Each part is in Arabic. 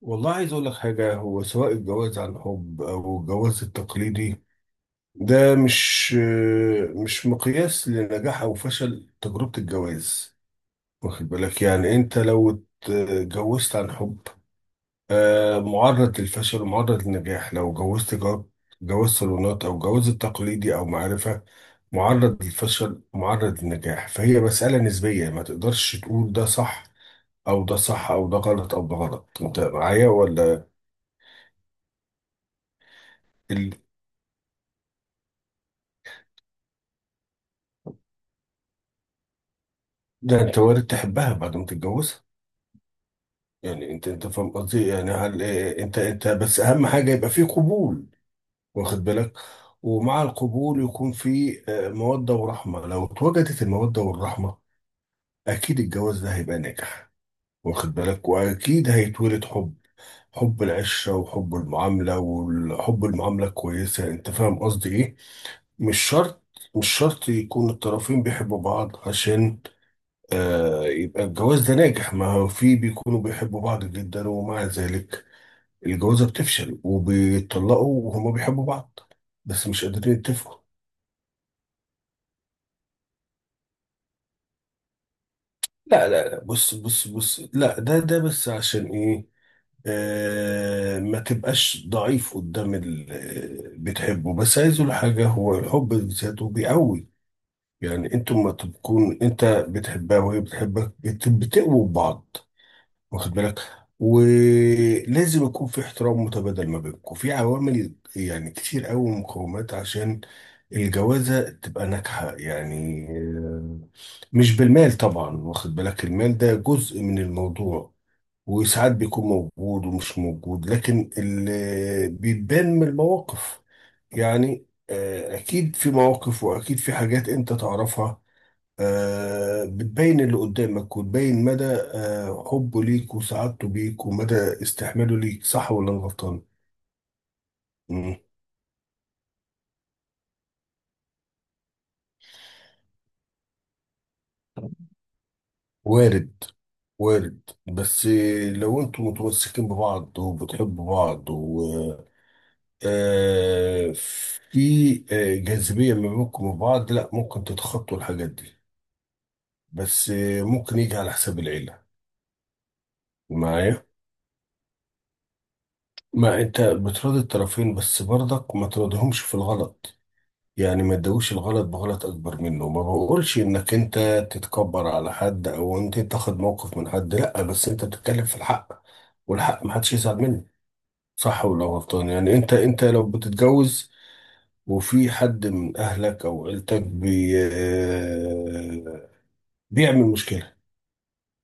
والله عايز اقول لك حاجه، هو سواء الجواز عن حب او الجواز التقليدي ده مش مقياس لنجاح او فشل تجربه الجواز. واخد بالك؟ يعني انت لو اتجوزت عن حب معرض للفشل ومعرض للنجاح، لو جوزت جواز صالونات او جواز التقليدي او معرفه، معرض للفشل ومعرض للنجاح. فهي مساله نسبيه، ما تقدرش تقول ده صح او ده صح او ده غلط او ده غلط. انت معايا ولا إيه؟ ده انت وارد تحبها بعد ما تتجوزها. يعني انت فاهم قصدي؟ يعني هل انت بس اهم حاجه يبقى في قبول، واخد بالك؟ ومع القبول يكون في موده ورحمه. لو اتوجدت الموده والرحمه اكيد الجواز ده هيبقى ناجح، واخد بالك؟ واكيد هيتولد حب، حب العشره وحب المعامله وحب المعامله الكويسه. انت فاهم قصدي ايه؟ مش شرط، مش شرط يكون الطرفين بيحبوا بعض عشان يبقى الجواز ده ناجح. ما هو في بيكونوا بيحبوا بعض جدا ومع ذلك الجوازة بتفشل وبيتطلقوا وهما بيحبوا بعض بس مش قادرين يتفقوا. لا، لا، لا، بص بص بص، لا ده بس عشان ايه؟ ما تبقاش ضعيف قدام اللي بتحبه. بس عايز اقول حاجة، هو الحب بذاته بيقوي. يعني انتوا ما تكون انت بتحبها وهي بتحبك بتقووا بعض، واخد بالك؟ ولازم يكون في احترام متبادل ما بينكم، في عوامل يعني كتير قوي، مقومات عشان الجوازة تبقى ناجحة. مش بالمال طبعا، واخد بالك؟ المال ده جزء من الموضوع، وساعات بيكون موجود ومش موجود. لكن اللي بيبان من المواقف يعني أكيد في مواقف وأكيد في حاجات أنت تعرفها، بتبين اللي قدامك وتبين مدى حبه ليك وسعادته بيك، ومدى استحماله ليك. صح ولا أنا غلطان؟ مم. وارد، وارد، بس لو انتوا متمسكين ببعض وبتحبوا بعض و في جاذبية ما بينكم وبعض، لا ممكن تتخطوا الحاجات دي. بس ممكن يجي على حساب العيلة. معايا؟ ما انت بتراضي الطرفين بس برضك ما تراضيهمش في الغلط. يعني ما تدوش الغلط بغلط اكبر منه. ما بقولش انك انت تتكبر على حد او انت تاخد موقف من حد، لا، بس انت بتتكلم في الحق، والحق ما حدش يزعل منه. صح ولا غلطان؟ يعني انت لو بتتجوز وفي حد من اهلك او عيلتك بي آه، بيعمل مشكلة،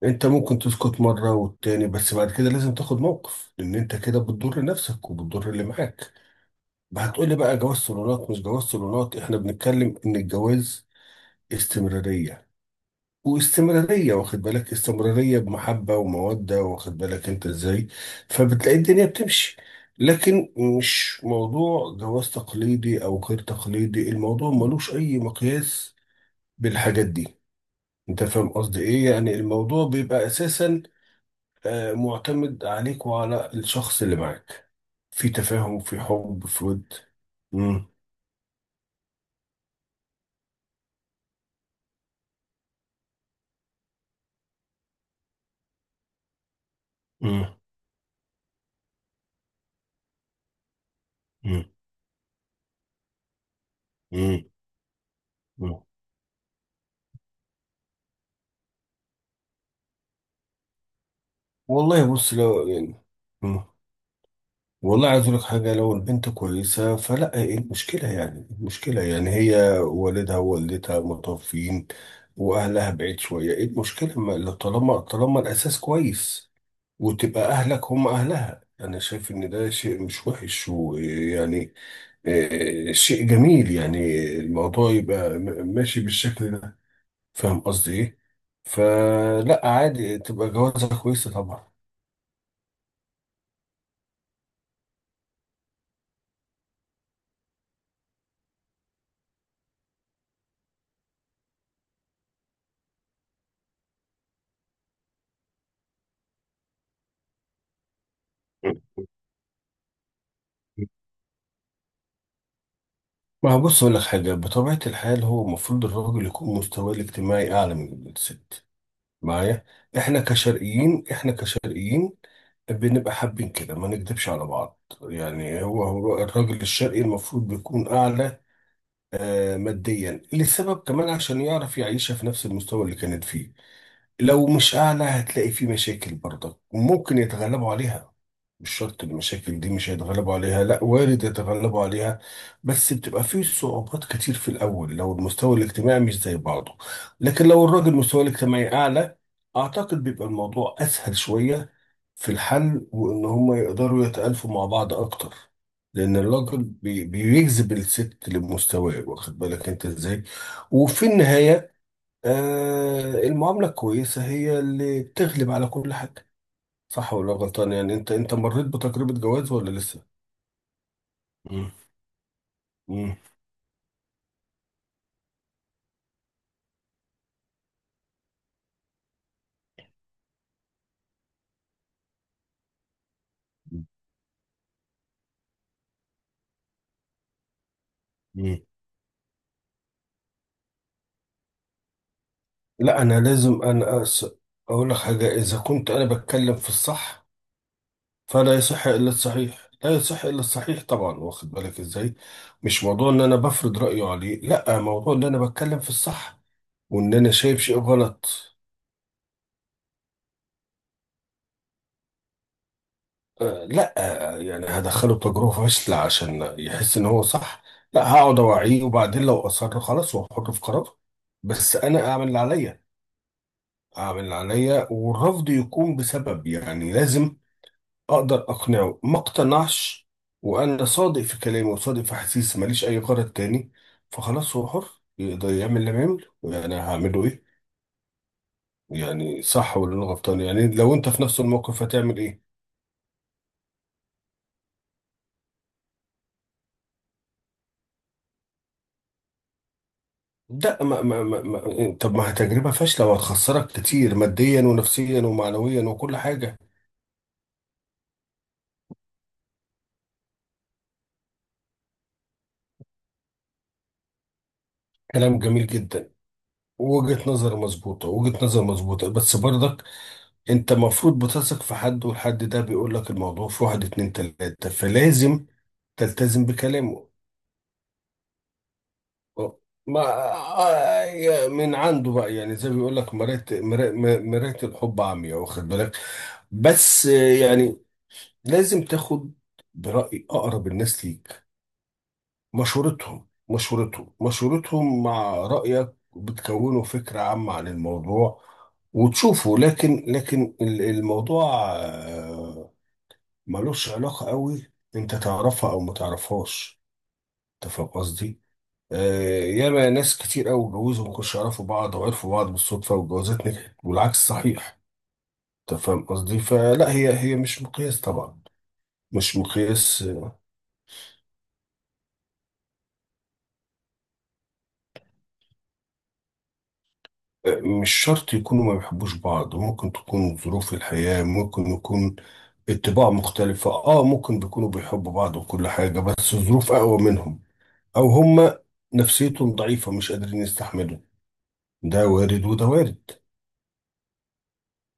انت ممكن تسكت مرة والتاني، بس بعد كده لازم تاخد موقف، لان انت كده بتضر نفسك وبتضر اللي معاك. هتقولي بقى جواز صالونات مش جواز صالونات، احنا بنتكلم ان الجواز استمرارية. واستمرارية، واخد بالك؟ استمرارية بمحبة ومودة، واخد بالك انت ازاي؟ فبتلاقي الدنيا بتمشي. لكن مش موضوع جواز تقليدي او غير تقليدي، الموضوع ملوش اي مقياس بالحاجات دي. انت فاهم قصدي ايه؟ يعني الموضوع بيبقى اساسا معتمد عليك وعلى الشخص اللي معاك، في تفاهم، في حب، في ود. مم. مم. مم. مم. مم. والله بص، لو يعني والله عايز اقول لك حاجه، لو البنت كويسه فلا، ايه المشكله؟ يعني إيه المشكله؟ يعني هي والدها ووالدتها متوفيين واهلها بعيد شويه، ايه المشكله؟ طالما الاساس كويس وتبقى اهلك هم اهلها. انا شايف ان ده شيء مش وحش، ويعني شيء جميل يعني. الموضوع يبقى ماشي بالشكل ده. فاهم قصدي ايه؟ فلا عادي، تبقى جوازها كويسه طبعا. ما هو بص، أقول لك حاجة، بطبيعة الحال هو المفروض الراجل يكون مستواه الاجتماعي أعلى من الست. معايا؟ إحنا كشرقيين بنبقى حابين كده، ما نكدبش على بعض. يعني هو الراجل الشرقي المفروض بيكون أعلى ماديا، لسبب كمان عشان يعرف يعيشها في نفس المستوى اللي كانت فيه. لو مش أعلى هتلاقي في مشاكل برضك، وممكن يتغلبوا عليها. مش شرط المشاكل دي مش هيتغلبوا عليها، لا وارد يتغلبوا عليها. بس بتبقى فيه صعوبات كتير في الأول لو المستوى الاجتماعي مش زي بعضه. لكن لو الراجل مستواه الاجتماعي أعلى، أعتقد بيبقى الموضوع أسهل شوية في الحل، وإن هم يقدروا يتألفوا مع بعض أكتر. لأن الراجل بيجذب الست لمستواه، واخد بالك أنت إزاي؟ وفي النهاية المعاملة الكويسة هي اللي بتغلب على كل حاجة. صح ولا غلطان؟ يعني انت مريت بتجربة جواز ولا لسه؟ مم. مم. مم. لا، انا لازم، اقول لك حاجة، اذا كنت انا بتكلم في الصح فلا يصح الا الصحيح، لا يصح الا الصحيح طبعا. واخد بالك ازاي؟ مش موضوع ان انا بفرض رأيي عليه، لا، موضوع ان انا بتكلم في الصح وان انا شايف شيء غلط. لا، يعني هدخله تجربة فاشلة عشان يحس ان هو صح؟ لا، هقعد اوعيه، وبعدين لو اصر خلاص واحطه في قرار، بس انا اعمل اللي عليا. اعمل اللي عليا والرفض يكون بسبب، يعني لازم اقدر اقنعه، ما اقتنعش، وانا صادق في كلامي وصادق في احاسيسي، ماليش اي غرض تاني. فخلاص هو حر، يقدر يعمل اللي يعمله، يعني هعمله ايه؟ يعني صح ولا انا غلطان؟ يعني لو انت في نفس الموقف هتعمل ايه؟ ده طب ما هي تجربة فاشلة وهتخسرك كتير ماديا ونفسيا ومعنويا وكل حاجة. كلام جميل جدا، وجهة نظر مظبوطة، وجهة نظر مظبوطة، بس برضك انت المفروض بتثق في حد، والحد ده بيقول لك الموضوع في واحد اتنين تلاتة، فلازم تلتزم بكلامه. ما من عنده بقى، يعني زي ما بيقول لك مرات الحب عمياء، واخد بالك؟ بس يعني لازم تاخد برأي أقرب الناس ليك، مشورتهم، مشورتهم، مشورتهم مع رأيك، بتكونوا فكرة عامة عن الموضوع وتشوفوا. لكن الموضوع ملوش علاقة قوي انت تعرفها او ما تعرفهاش. انت فاهم قصدي؟ ياما ناس كتير قوي اتجوزوا ما كانوش يعرفوا بعض، وعرفوا بعض بالصدفة والجوازات نجحت، والعكس صحيح. انت فاهم قصدي؟ فلا هي مش مقياس طبعا. مش مقياس، مش شرط يكونوا ما بيحبوش بعض، ممكن تكون ظروف الحياة، ممكن يكون الطباع مختلفة، ممكن بيكونوا بيحبوا بعض وكل حاجة بس الظروف أقوى منهم، أو هما نفسيتهم ضعيفة مش قادرين يستحملوا. ده وارد وده وارد.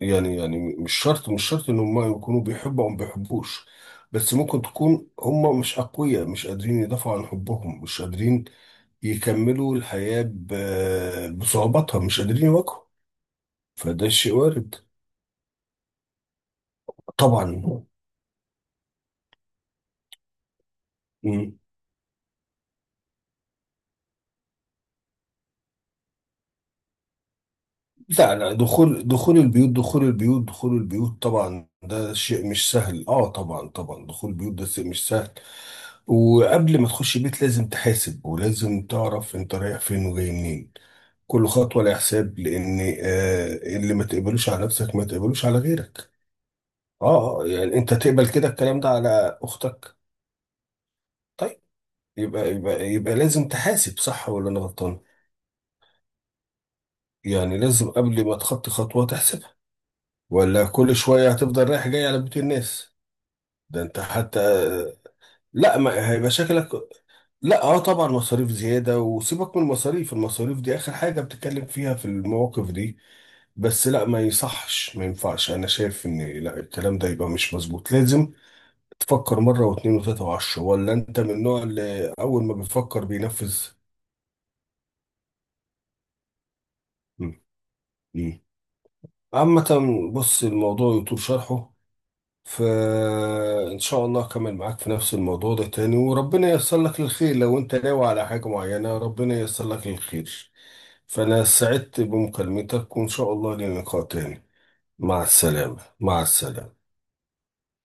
يعني مش شرط، مش شرط إن هما يكونوا بيحبوا أو ما بيحبوش، بس ممكن تكون هما مش أقوياء، مش قادرين يدافعوا عن حبهم، مش قادرين يكملوا الحياة بصعوباتها، مش قادرين يواجهوا. فده شيء وارد. طبعا. مم. لا، لا، دخول، دخول البيوت، دخول البيوت، دخول البيوت طبعا ده شيء مش سهل، اه طبعا، طبعا دخول البيوت ده شيء مش سهل. وقبل ما تخش بيت لازم تحاسب، ولازم تعرف انت رايح فين وجاي منين. كل خطوة لها حساب، لان اللي ما تقبلوش على نفسك ما تقبلوش على غيرك. يعني انت تقبل كده الكلام ده على اختك؟ طيب. يبقى لازم تحاسب. صح ولا انا غلطان؟ يعني لازم قبل ما تخطي خطوة تحسب، ولا كل شوية هتفضل رايح جاي على بيوت الناس. ده انت حتى، لا، ما هيبقى شكلك. لا، طبعا مصاريف زيادة، وسيبك من المصاريف، المصاريف دي اخر حاجة بتتكلم فيها في المواقف دي. بس لا، ما يصحش ما ينفعش، انا شايف ان لا، الكلام ده يبقى مش مظبوط، لازم تفكر مرة واثنين وثلاثة وعشرة. ولا انت من النوع اللي اول ما بيفكر بينفذ؟ مم. مم. عامة، بص، الموضوع يطول شرحه. فإن شاء الله أكمل معاك في نفس الموضوع ده تاني، وربنا ييسر لك الخير لو أنت ناوي على حاجة معينة. ربنا ييسر لك الخير. فأنا سعدت بمكالمتك، وإن شاء الله لنا لقاء تاني. مع السلامة، مع السلامة.